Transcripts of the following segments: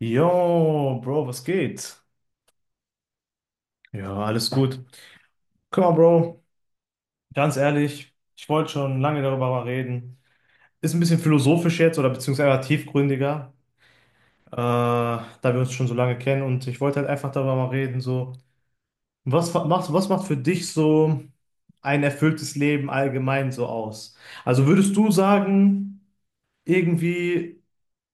Yo, Bro, was geht? Ja, alles gut. Guck mal, Bro, ganz ehrlich, ich wollte schon lange darüber mal reden. Ist ein bisschen philosophisch jetzt oder beziehungsweise tiefgründiger, da wir uns schon so lange kennen, und ich wollte halt einfach darüber mal reden, so, was macht für dich so ein erfülltes Leben allgemein so aus? Also würdest du sagen, irgendwie.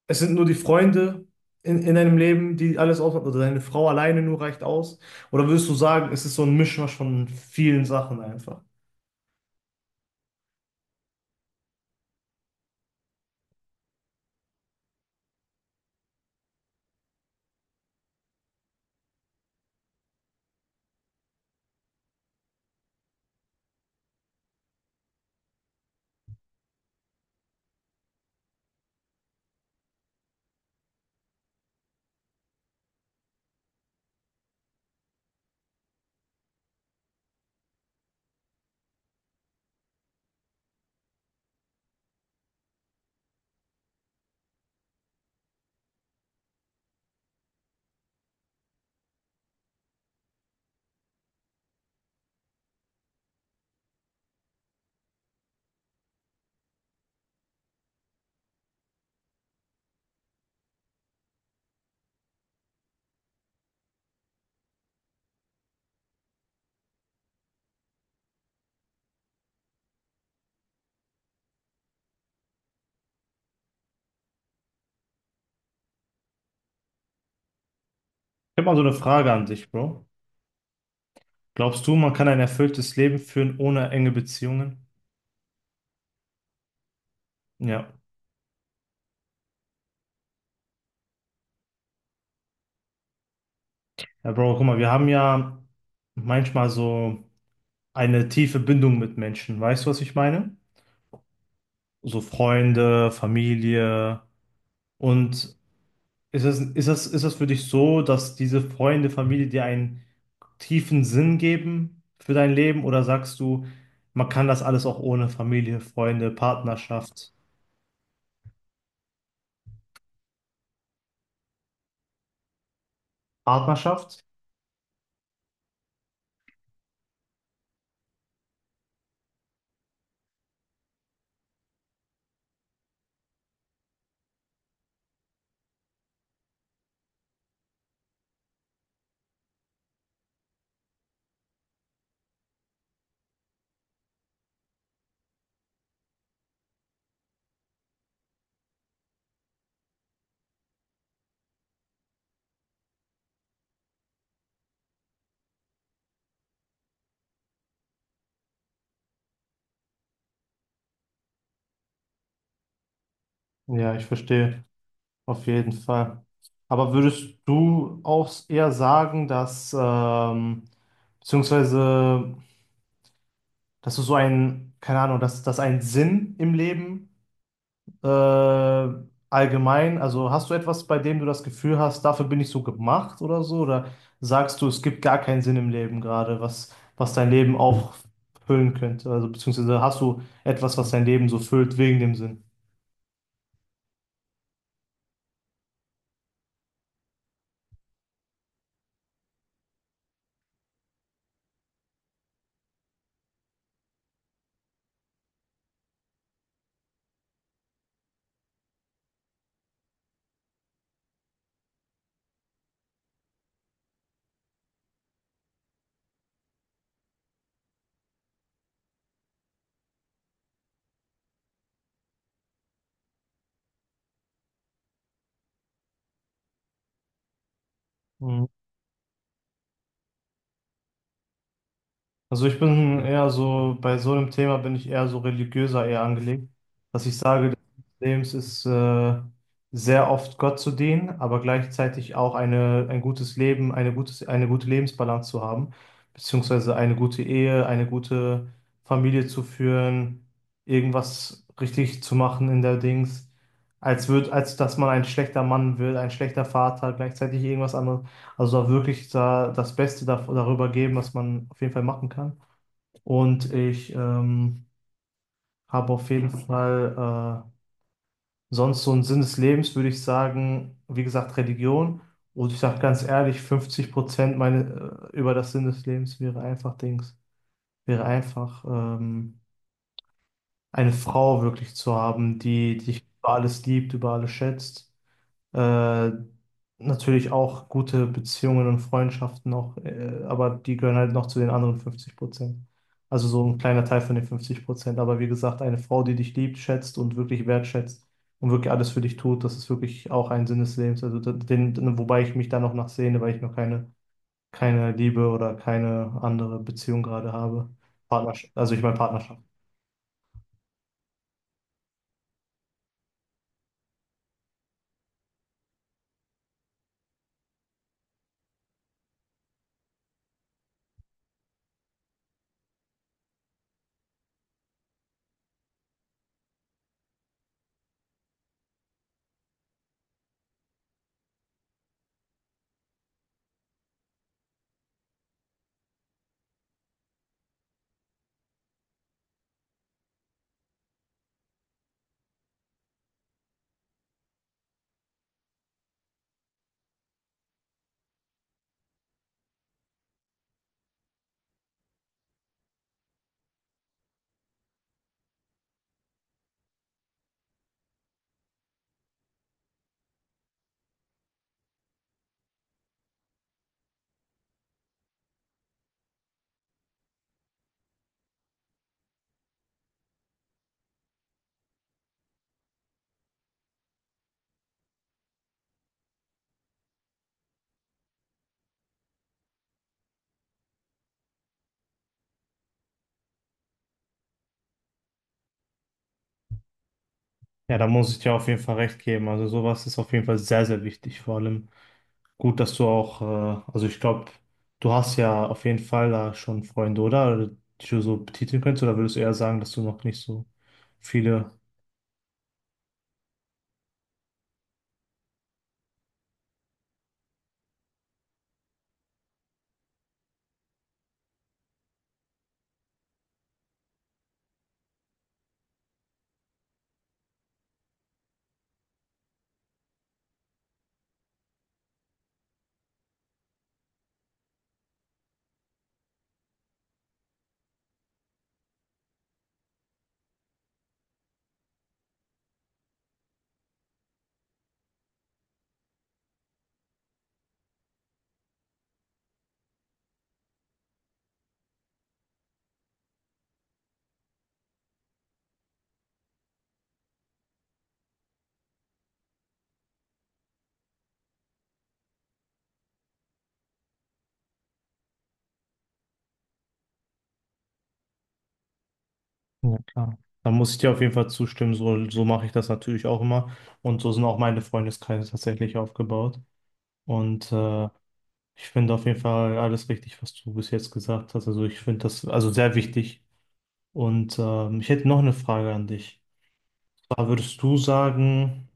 Es sind nur die Freunde in deinem Leben, die alles ausmachen, oder deine Frau alleine nur reicht aus? Oder würdest du sagen, es ist so ein Mischmasch von vielen Sachen einfach? Ich habe mal so eine Frage an dich, Bro. Glaubst du, man kann ein erfülltes Leben führen ohne enge Beziehungen? Ja. Ja, Bro, guck mal, wir haben ja manchmal so eine tiefe Bindung mit Menschen. Weißt du, was ich meine? So Freunde, Familie. Und ist das für dich so, dass diese Freunde, Familie dir ein tiefen Sinn geben für dein Leben, oder sagst du, man kann das alles auch ohne Familie, Freunde, Partnerschaft? Partnerschaft? Ja, ich verstehe, auf jeden Fall. Aber würdest du auch eher sagen, dass, beziehungsweise, dass du so einen, keine Ahnung, dass ein Sinn im Leben äh, allgemein, also hast du etwas, bei dem du das Gefühl hast, dafür bin ich so gemacht oder so? Oder sagst du, es gibt gar keinen Sinn im Leben gerade, was, was dein Leben auffüllen könnte? Also beziehungsweise hast du etwas, was dein Leben so füllt wegen dem Sinn? Also ich bin eher so, bei so einem Thema bin ich eher so religiöser eher angelegt, dass ich sage, das Leben ist sehr oft Gott zu dienen, aber gleichzeitig auch eine, ein gutes Leben, eine gutes, eine gute Lebensbalance zu haben, beziehungsweise eine gute Ehe, eine gute Familie zu führen, irgendwas richtig zu machen in der Dings, als wird, als dass man ein schlechter Mann wird, ein schlechter Vater, gleichzeitig irgendwas anderes. Also da wirklich da das Beste da, darüber geben, was man auf jeden Fall machen kann. Und ich habe auf jeden Fall sonst so einen Sinn des Lebens, würde ich sagen, wie gesagt, Religion. Und ich sage ganz ehrlich, 50% meine, über das Sinn des Lebens wäre einfach Dings, wäre einfach eine Frau wirklich zu haben, die dich über alles liebt, über alles schätzt. Äh, Natürlich auch gute Beziehungen und Freundschaften noch, aber die gehören halt noch zu den anderen 50%. Also so ein kleiner Teil von den 50%. Aber wie gesagt, eine Frau, die dich liebt, schätzt und wirklich wertschätzt und wirklich alles für dich tut, das ist wirklich auch ein Sinn des Lebens. Also da- den, wobei ich mich da noch nachsehne, weil ich noch keine, keine Liebe oder keine andere Beziehung gerade habe. Partnerschaft, also ich meine Partnerschaft. Ja, da muss ich dir auf jeden Fall recht geben. Also sowas ist auf jeden Fall sehr, sehr wichtig, vor allem. Gut, dass du auch, also ich glaube, du hast ja auf jeden Fall da schon Freunde, oder? Die du so betiteln könntest, oder würdest du eher sagen, dass du noch nicht so viele. Ja, klar. Dann muss ich dir auf jeden Fall zustimmen, so, so mache ich das natürlich auch immer. Und so sind auch meine Freundeskreise tatsächlich aufgebaut. Und ich finde auf jeden Fall alles richtig, was du bis jetzt gesagt hast. Also ich finde das also sehr wichtig. Und ich hätte noch eine Frage an dich. Zwar würdest du sagen,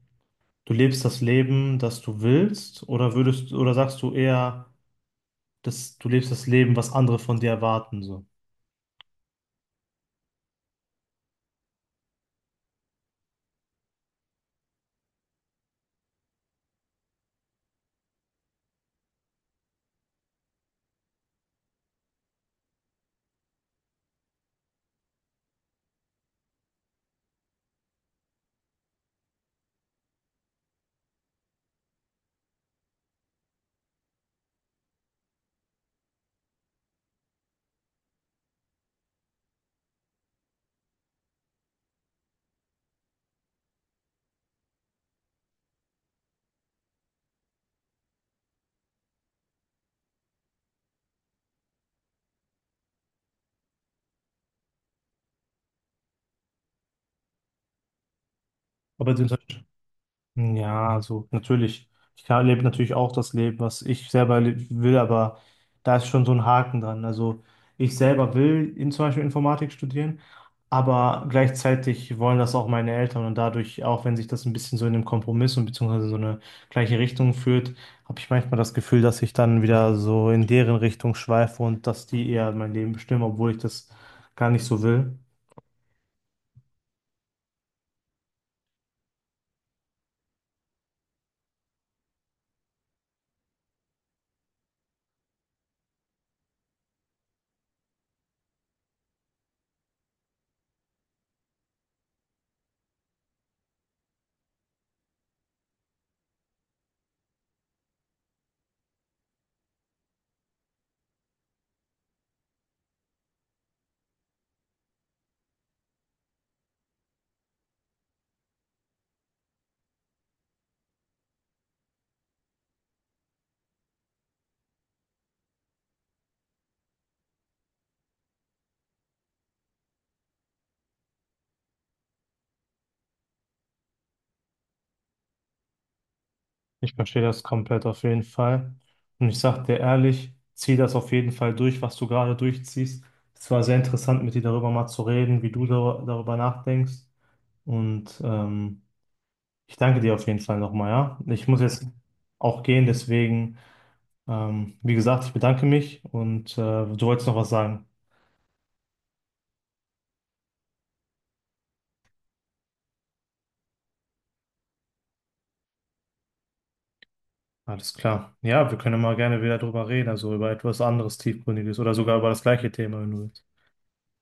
du lebst das Leben, das du willst, oder würdest, oder sagst du eher, dass du lebst das Leben, was andere von dir erwarten, so? Aber den hm, ja, also natürlich. Ich kann- lebe natürlich auch das Leben, was ich selber le- will, aber da ist schon so ein Haken dran. Also ich selber will in, zum Beispiel Informatik studieren, aber gleichzeitig wollen das auch meine Eltern, und dadurch, auch wenn sich das ein bisschen so in einem Kompromiss und beziehungsweise so eine gleiche Richtung führt, habe ich manchmal das Gefühl, dass ich dann wieder so in deren Richtung schweife und dass die eher mein Leben bestimmen, obwohl ich das gar nicht so will. Ich verstehe das komplett auf jeden Fall. Und ich sag dir ehrlich, zieh das auf jeden Fall durch, was du gerade durchziehst. Es war sehr interessant, mit dir darüber mal zu reden, wie du darüber nachdenkst. Und ich danke dir auf jeden Fall nochmal, ja. Ich muss jetzt auch gehen, deswegen, wie gesagt, ich bedanke mich, und du wolltest noch was sagen. Alles klar. Ja, wir können mal gerne wieder drüber reden, also über etwas anderes Tiefgründiges oder sogar über das gleiche Thema, wenn du willst.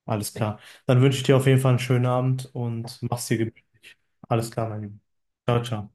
Alles klar. Dann wünsche ich dir auf jeden Fall einen schönen Abend und mach's dir gemütlich. Alles klar, mein Lieber. Ciao, ciao.